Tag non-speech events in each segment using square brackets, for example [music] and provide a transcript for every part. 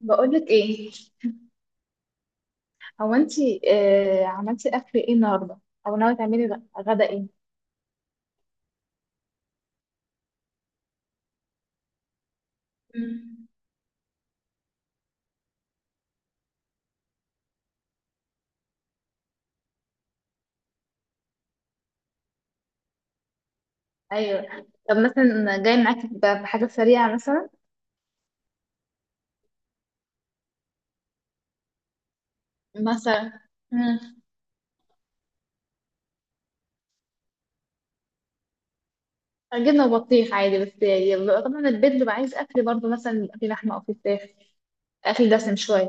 بقولك ايه. هو انتي عملتي اكل ايه النهارده، او ناويه تعملي غدا ايه؟ مم. ايوه. طب مثلا جاي معاكي بحاجه سريعه مثلا. مثلا. مم. جبنه وبطيخ عادي، بس يبقى طبعا البيت بيبقى عايز اكل برضه، مثلا يبقى فيه لحمه او فيه فراخ، اكل دسم شويه.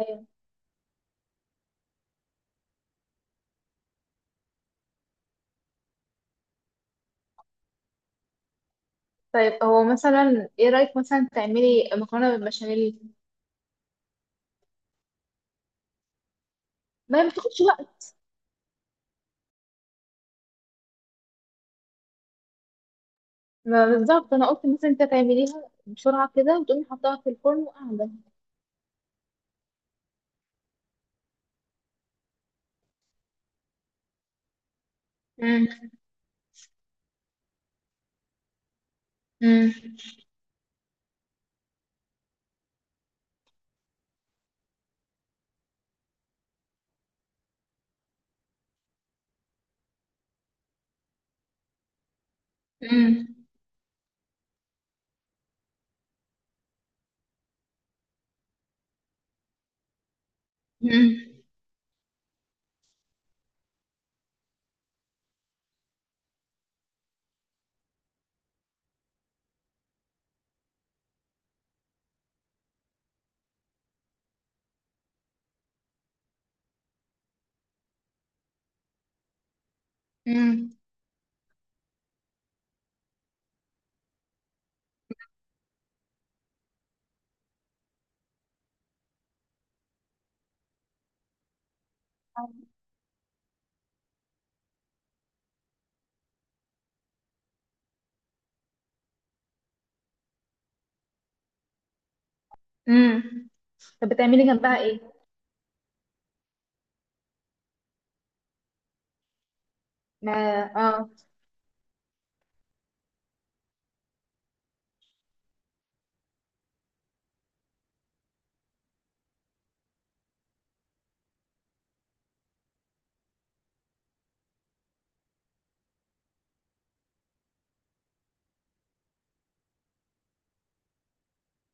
ايوه. طيب هو مثلا ايه رايك مثلا تعملي مكرونه بالبشاميل؟ ما هي ما بتاخدش وقت، ما بالظبط انا قلت مثلا انت تعمليها بسرعه كده وتقومي حطها في الفرن وقاعده. امم. امم. مم. مم. مم. طب بتعملي جنبها ايه؟ ما. اه.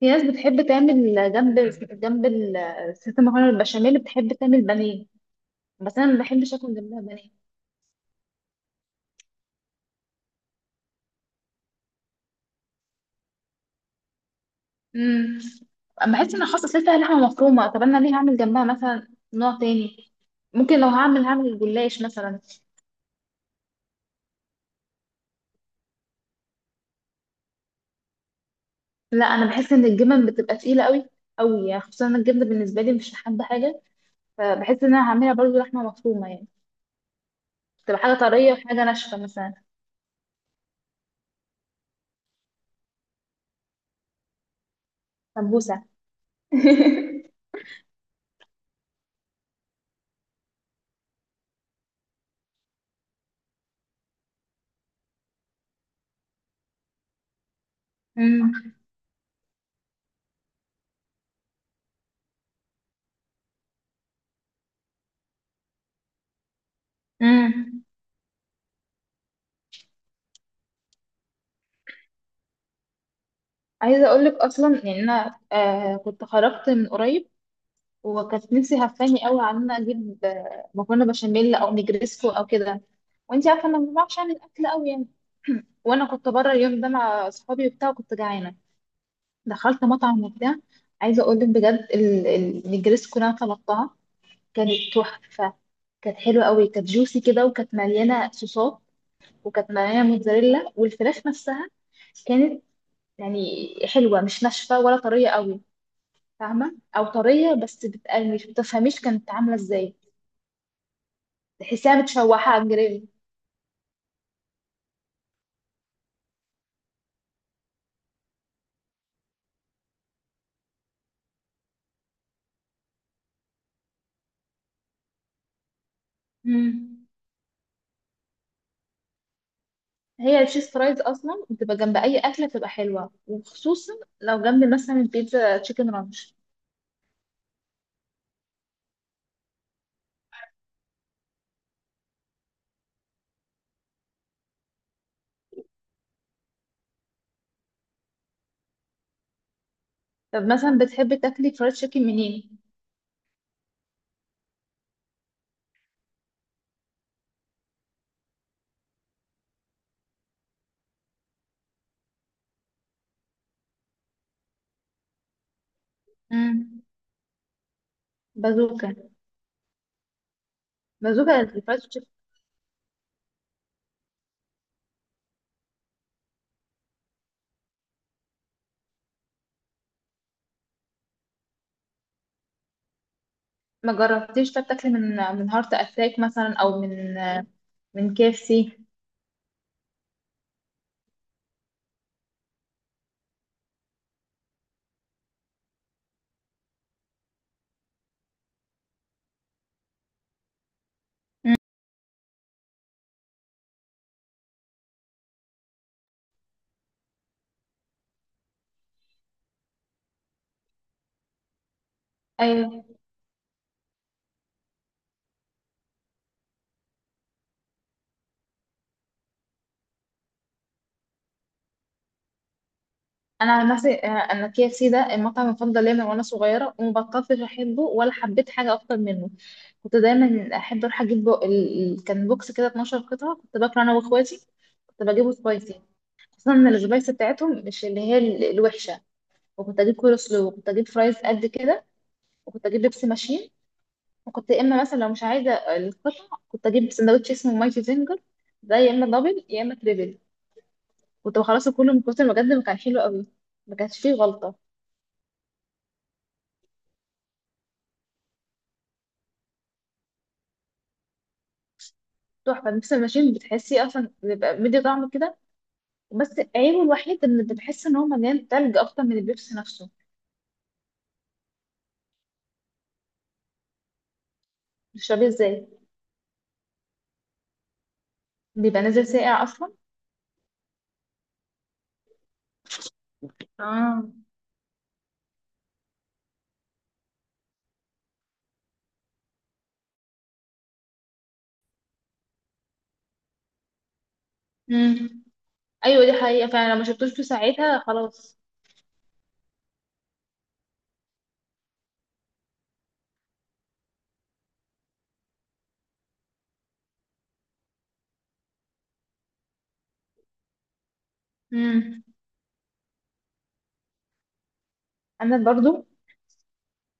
في ناس بتحب تعمل جنب، جنب الست المكرونه البشاميل بتحب تعمل بانيه، بس انا ما بحبش اكل جنبها بانيه. امم. بحس ان خاصه لسه لحمه مفرومه، طب انا ليه هعمل جنبها مثلا نوع تاني؟ ممكن لو هعمل جلاش مثلا. لا انا بحس ان الجبن بتبقى تقيله قوي، قوي يعني، خصوصا إن الجبنه بالنسبه لي مش حابه حاجه، فبحس ان انا هعملها برضو لحمه مفرومه يعني، تبقى حاجه طريه وحاجه ناشفه مثلا. سمبوسه. امم. امم. عايزه اقول لك اصلا يعني انا كنت خرجت من قريب، وكانت نفسي هفاني قوي على ان انا اجيب مكرونه بشاميل او نجريسكو او كده. وانت عارفه انا ما بعرفش اعمل اكل قوي يعني. [clears throat] وانا كنت بره اليوم ده مع اصحابي وبتاع، وكنت جعانه، دخلت مطعم وبتاع. عايزه اقول لك بجد، النجريسكو اللي انا طلبتها كانت تحفه، كانت حلوه قوي، كانت جوسي كده، وكانت مليانه صوصات، وكانت مليانه موتزاريلا والفراخ نفسها كانت يعني حلوة، مش ناشفة ولا طرية قوي، فاهمة؟ أو طرية بس بتبقى مش بتفهميش كانت عاملة ازاي، تحسيها متشوحة على الجريل. مم. هي التشيز فرايز أصلا بتبقى جنب أي أكلة بتبقى حلوة، وخصوصا لو جنب مثلا البيتزا تشيكن رانش. طب مثلا بتحبي تاكلي فرايد تشيكن منين؟ مم. بازوكا. بازوكا الفرايد تشيكن. ما جربتيش. طب تاكلي من هارت أتاك مثلا، أو من من كي اف سي. انا عن نفسي انا كي اف سي ده المطعم المفضل ليا من وانا صغيره، وما بطلتش احبه، ولا حبيت حاجه اكتر منه. كنت دايما احب اروح اجيب كان بوكس كده 12 قطعه كنت باكله انا واخواتي. كنت بجيبه سبايسي، خصوصا ان السبايسي بتاعتهم مش اللي هي الوحشه، وكنت اجيب كول سلو، وكنت اجيب فرايز قد كده، وكنت اجيب بيبسي ماشين. وكنت يا اما مثلا لو مش عايزه القطع، كنت اجيب سندوتش اسمه مايتي زنجر، ده يا اما دبل يا اما تريبل. كنت بخلصه كله من كتر بجد ما كان حلو قوي، ما كانش فيه غلطه. تحفة. نفس الماشين بتحسي أصلا بيبقى مدي طعم كده، بس عيبه الوحيد إن بتحس إن هو مليان تلج أكتر من البيبسي نفسه. بتشربيه إزاي؟ بيبقى نازل ساقع أصلا. اه. مم. أيوة دي حقيقة، فعلا لو ما شربتوش في ساعتها خلاص. مم. أنا برضو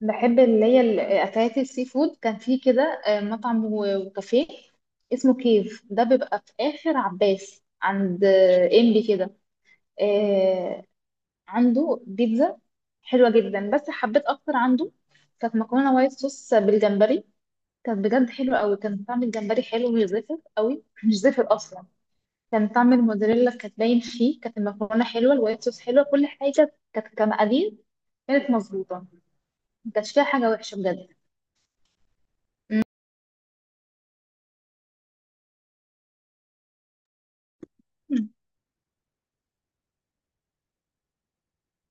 بحب اللي هي الأكلات السي فود. كان في كده مطعم وكافيه اسمه كيف، ده بيبقى في آخر عباس عند إمبي كده. آه، عنده بيتزا حلوة جدا، بس حبيت أكتر عنده كانت مكرونة وايت صوص بالجمبري. كانت بجد حلوة أوي، كان طعم الجمبري حلو مش زفر أوي، مش زفر أصلا، كان طعم الموزاريلا كانت باين فيه، كانت المكرونة حلوة، الوايت صوص حلوة، كل حاجة كانت كمقادير كانت مظبوطة، مكانش فيها حاجة وحشة بجد. مم.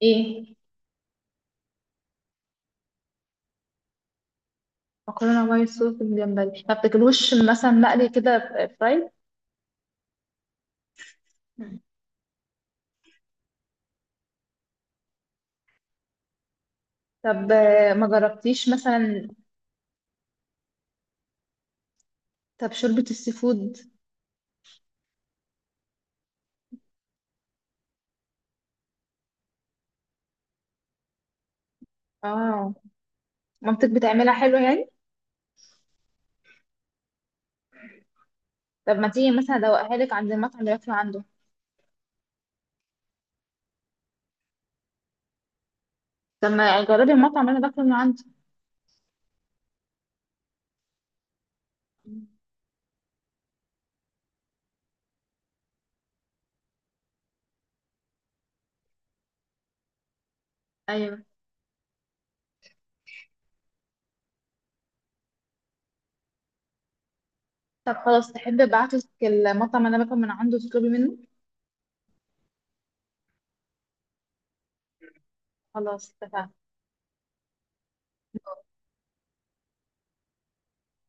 إيه. مكرونة وايت صوص بالجمبري. ما بتاكلوش مثلا مقلي كده، فرايد؟ مم. طب ما جربتيش مثلا طب شوربة السي فود؟ اه. مامتك بتعملها حلو يعني؟ طب ما تيجي مثلا ادوقها لك عند المطعم اللي باكله عنده. طب ما جربي المطعم اللي انا باكله من عنده. ايوه. طب خلاص، تحب ابعتلك المطعم اللي انا باكل من عنده تطلبي منه؟ خلاص اتفقنا.